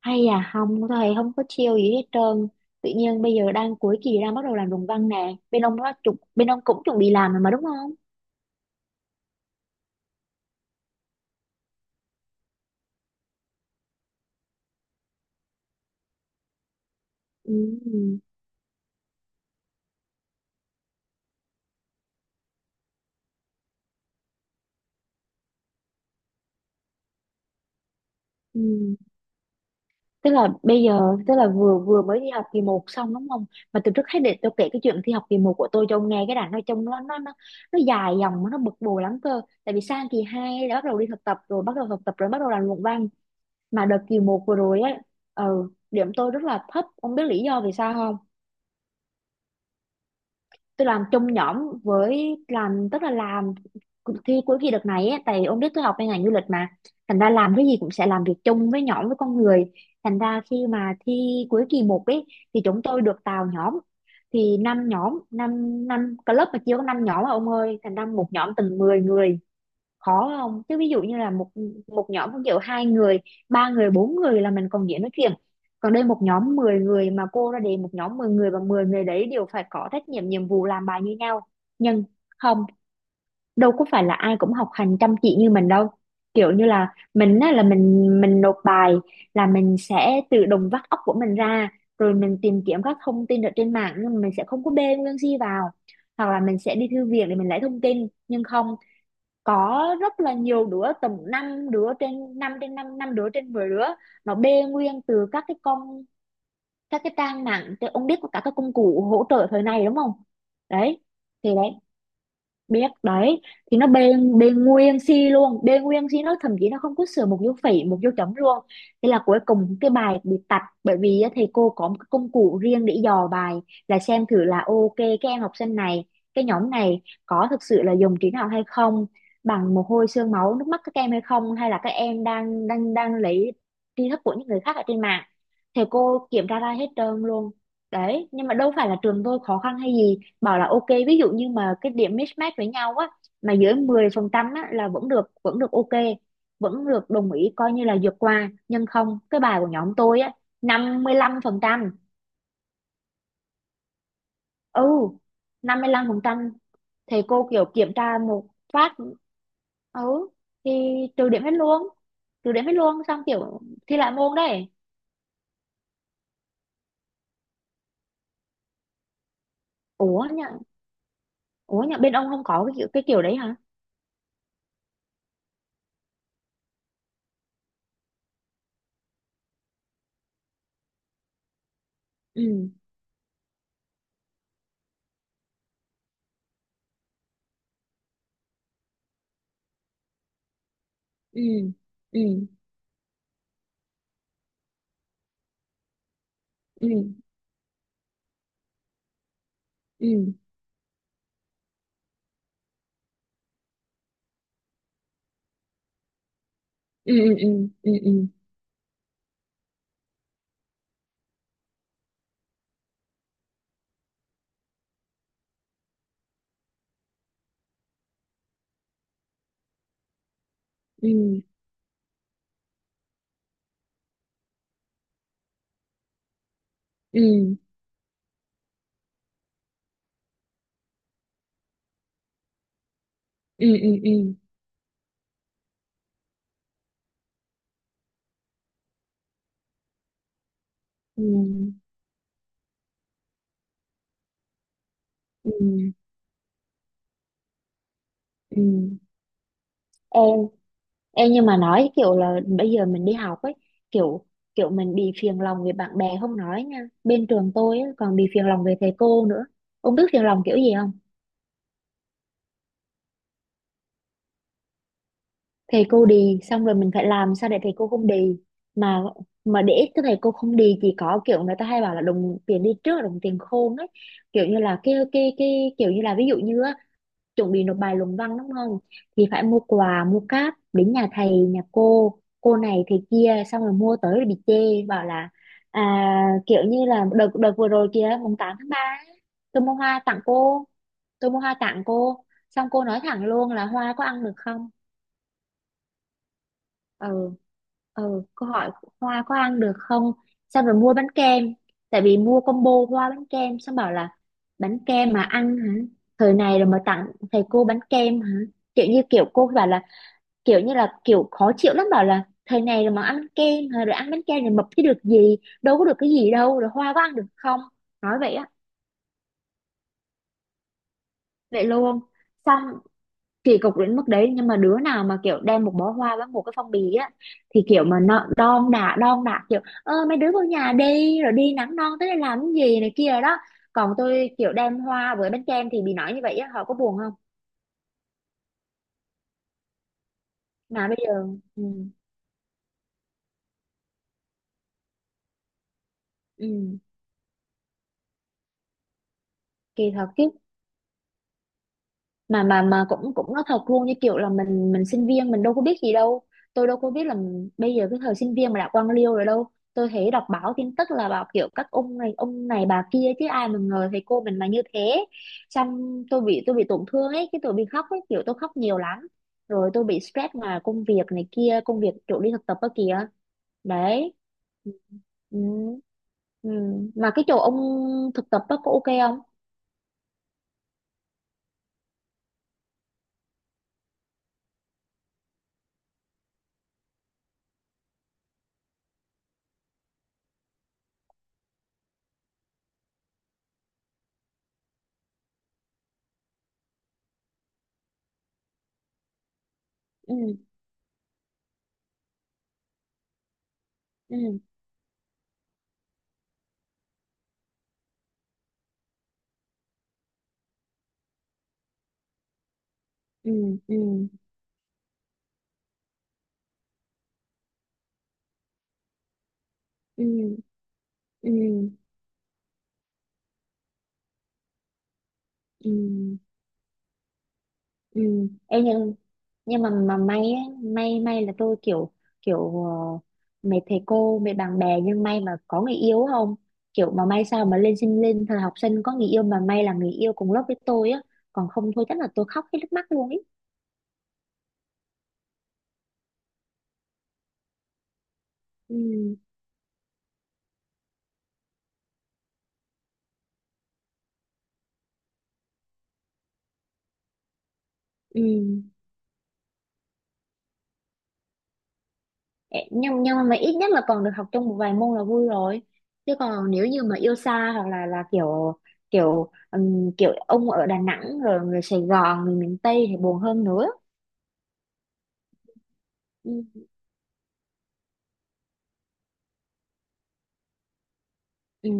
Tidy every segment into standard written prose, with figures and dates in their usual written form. Hay à? Không, thầy không có chiêu gì hết trơn. Tự nhiên bây giờ đang cuối kỳ đang bắt đầu làm luận văn nè, bên ông nó chuẩn bên ông cũng chuẩn bị làm rồi mà đúng không? Ừ. Ừ. Tức là bây giờ tức là vừa vừa mới đi học kỳ một xong đúng không? Mà từ trước hết để tôi kể cái chuyện thi học kỳ một của tôi cho ông nghe, cái đoạn nó trông nó dài dòng mà nó bực bội lắm cơ. Tại vì sang kỳ hai đã bắt đầu đi thực tập rồi, bắt đầu thực tập rồi bắt đầu làm luận văn. Mà đợt kỳ một vừa rồi ấy, ừ, điểm tôi rất là thấp, ông biết lý do vì sao không? Tôi làm chung nhóm với làm tức là làm cuộc thi cuối kỳ đợt này ấy, tại ông biết tôi học bên ngành du lịch mà. Thành ra làm cái gì cũng sẽ làm việc chung với nhóm với con người. Thành ra khi mà thi cuối kỳ một ấy thì chúng tôi được tạo nhóm, thì năm nhóm, năm năm club mà chia có năm nhóm mà ông ơi, thành ra một nhóm từng 10 người. Khó không? Chứ ví dụ như là một một nhóm không chịu, hai người ba người bốn người là mình còn dễ nói chuyện, còn đây một nhóm 10 người mà cô ra đề, một nhóm 10 người và 10 người đấy đều phải có trách nhiệm nhiệm vụ làm bài như nhau. Nhưng không, đâu có phải là ai cũng học hành chăm chỉ như mình đâu. Kiểu như là mình á, là mình nộp bài, là mình sẽ tự động vắt óc của mình ra rồi mình tìm kiếm các thông tin ở trên mạng, nhưng mà mình sẽ không có bê nguyên si vào, hoặc là mình sẽ đi thư viện để mình lấy thông tin. Nhưng không, có rất là nhiều đứa tầm 5 đứa trên năm, trên 5 5 đứa trên 10 đứa nó bê nguyên từ các cái con, các cái trang mạng trên- ông biết có cả các công cụ hỗ trợ thời này đúng không? Đấy, thì đấy, biết đấy. Thì nó bê bê nguyên si luôn, bê nguyên si, nó thậm chí nó không có sửa một dấu phẩy một dấu chấm luôn. Thế là cuối cùng cái bài bị tạch, bởi vì á, thầy cô có một cái công cụ riêng để dò bài, là xem thử là ok cái em học sinh này, cái nhóm này có thực sự là dùng trí não hay không, bằng mồ hôi xương máu nước mắt các em hay không, hay là các em đang đang đang lấy tri thức của những người khác ở trên mạng. Thầy cô kiểm tra ra hết trơn luôn. Đấy, nhưng mà đâu phải là trường tôi khó khăn hay gì, bảo là ok ví dụ như mà cái điểm mismatch với nhau á mà dưới 10% á là vẫn được, vẫn được ok, vẫn được đồng ý coi như là vượt qua. Nhưng không, cái bài của nhóm tôi á, 55%. Ừ. 55%. Thầy cô kiểu kiểm tra một phát, ừ, thì trừ điểm hết luôn, trừ điểm hết luôn, xong kiểu thi lại môn đấy. Ủa nhở, ủa nhở bên ông không có cái kiểu đấy hả? Ừ. Ừ. Ừ. Ừ. Ừ. Ừ. Ừ. Ừ. Ừ. Ừ. Ừ. Ừ. Ừ. Ừ. Ừ. Ừ. Ừ. Ừ. Ừ. em em nhưng mà nói kiểu là bây giờ mình đi học ấy, kiểu kiểu mình bị phiền lòng về bạn bè không nói nha, bên trường tôi ấy, còn bị phiền lòng về thầy cô nữa. Ông biết phiền lòng kiểu gì không? Thầy cô đì, xong rồi mình phải làm sao để thầy cô không đì. Mà mà để cái thầy cô không đì chỉ có kiểu người ta hay bảo là đồng tiền đi trước là đồng tiền khôn ấy, kiểu như là cái kiểu như là ví dụ như á, chuẩn bị nộp bài luận văn đúng không, thì phải mua quà mua cáp đến nhà thầy nhà cô này thầy kia, xong rồi mua tới rồi bị chê bảo là à, kiểu như là đợt đợt vừa rồi kìa, 8/3 ấy, tôi mua hoa tặng cô, tôi mua hoa tặng cô xong cô nói thẳng luôn là hoa có ăn được không. Ừ. Ừ, câu hỏi, hoa có ăn được không. Xong rồi mua bánh kem, tại vì mua combo hoa bánh kem xong bảo là bánh kem mà ăn hả, thời này rồi mà tặng thầy cô bánh kem hả, kiểu như kiểu cô bảo là kiểu như là kiểu khó chịu lắm, bảo là thời này rồi mà ăn kem hả? Rồi ăn bánh kem rồi mập chứ được gì, đâu có được cái gì đâu, rồi hoa có ăn được không, nói vậy á. Vậy luôn. Xong kỳ cục đến mức đấy, nhưng mà đứa nào mà kiểu đem một bó hoa với một cái phong bì á thì kiểu mà nó đon đả kiểu ơ mấy đứa vào nhà đi, rồi đi nắng non tới đây làm cái gì này kia đó. Còn tôi kiểu đem hoa với bánh kem thì bị nói như vậy á, họ có buồn không? Mà bây giờ ừ. Ừ. Kỳ thật chứ. Mà cũng cũng nói thật luôn như kiểu là mình sinh viên mình đâu có biết gì đâu. Tôi đâu có biết là bây giờ cái thời sinh viên mà đã quan liêu rồi đâu, tôi thấy đọc báo tin tức là bảo kiểu các ông này bà kia chứ ai mà ngờ thầy cô mình mà như thế. Xong tôi bị tổn thương ấy, cái tôi bị khóc ấy, kiểu tôi khóc nhiều lắm. Rồi tôi bị stress mà công việc này kia, công việc chỗ đi thực tập đó kìa, đấy. Ừ. Ừ. Ừ. Mà cái chỗ ông thực tập đó có ok không? Ừ. Ừ. Ừ. Ừ. Ừ. Ừ. Ừ. Ừ. Ê, nhưng mà may á, may là tôi kiểu kiểu mấy thầy cô mấy bạn bè nhưng may mà có người yêu không, kiểu mà may sao mà lên thời học sinh có người yêu, mà may là người yêu cùng lớp với tôi á, còn không thôi chắc là tôi khóc hết nước mắt luôn ấy. Ừ. Ừ. Ê, nhưng mà ít nhất là còn được học trong một vài môn là vui rồi, chứ còn nếu như mà yêu xa hoặc là kiểu kiểu kiểu ông ở Đà Nẵng rồi người Sài Gòn người miền Tây thì buồn hơn nữa. Ừ. Ừ.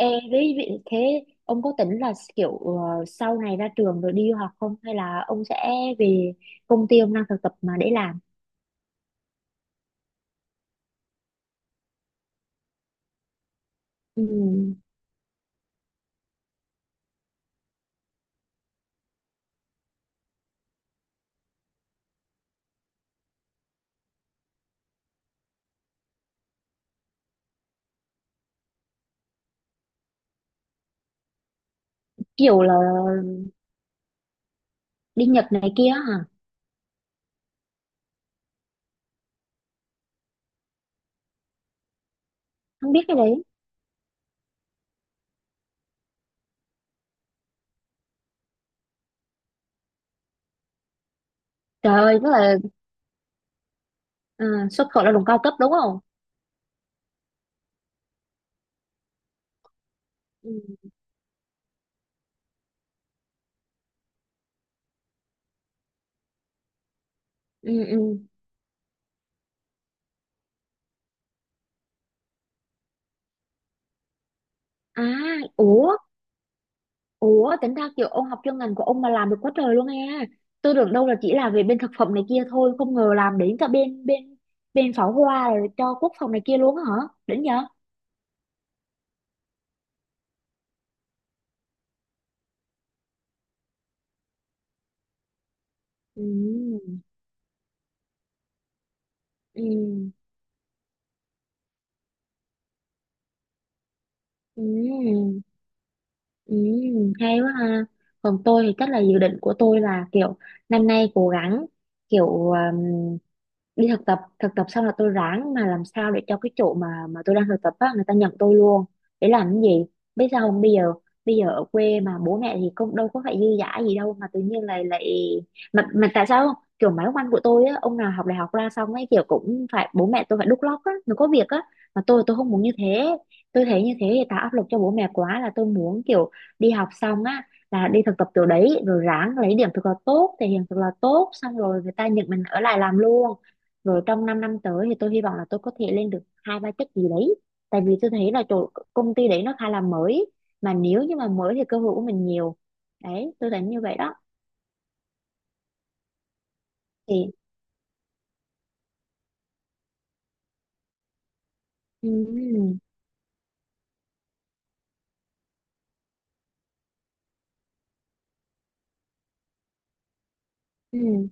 Ê, đấy, vậy thế ông có tính là kiểu sau này ra trường rồi đi du học không hay là ông sẽ về công ty ông đang thực tập mà để làm. Ừ. Kiểu là đi Nhật này kia hả? Không biết cái đấy. Trời ơi tức là ờ, xuất khẩu lao động cao cấp đúng không? Ừ. Ừ. Ừ. À, ủa, ủa tính ra kiểu ông học chuyên ngành của ông mà làm được quá trời luôn nghe. Tôi tưởng đâu là chỉ là về bên thực phẩm này kia thôi, không ngờ làm đến cả bên bên bên pháo hoa rồi cho quốc phòng này kia luôn á hả. Đỉnh nhờ. Ừ. Ừ. Ừ. Ừ. Ừ, hay quá ha. Còn tôi thì chắc là dự định của tôi là kiểu năm nay cố gắng kiểu đi thực tập xong là tôi ráng mà làm sao để cho cái chỗ mà tôi đang thực tập á người ta nhận tôi luôn. Để làm cái gì? Biết sao không? Bây giờ ở quê mà bố mẹ thì cũng đâu có phải dư dả gì đâu, mà tự nhiên lại lại mà tại sao không? Kiểu mấy ông anh của tôi á, ông nào học đại học ra xong ấy kiểu cũng phải bố mẹ tôi phải đút lót á, nó có việc á. Mà tôi không muốn như thế, tôi thấy như thế thì tạo áp lực cho bố mẹ quá, là tôi muốn kiểu đi học xong á là đi thực tập chỗ đấy rồi ráng lấy điểm thật là tốt, thể hiện thật là tốt, xong rồi người ta nhận mình ở lại làm luôn, rồi trong 5 năm tới thì tôi hy vọng là tôi có thể lên được hai ba chức gì đấy. Tại vì tôi thấy là chỗ công ty đấy nó khá là mới, mà nếu như mà mới thì cơ hội của mình nhiều, đấy tôi thấy như vậy đó. Thì ừ. Ừ.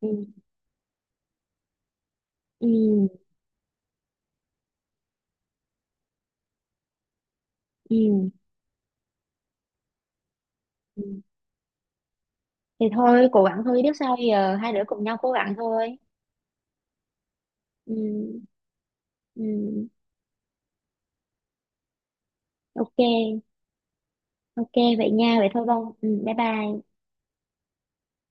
Ừ. Ừ. Ừ. Ừ. Thì thôi cố gắng thôi biết sao giờ, hai đứa cùng nhau cố gắng thôi. Ừ. Ừ. Ok. Ok vậy nha, vậy thôi Bông. Ừ, bye bye.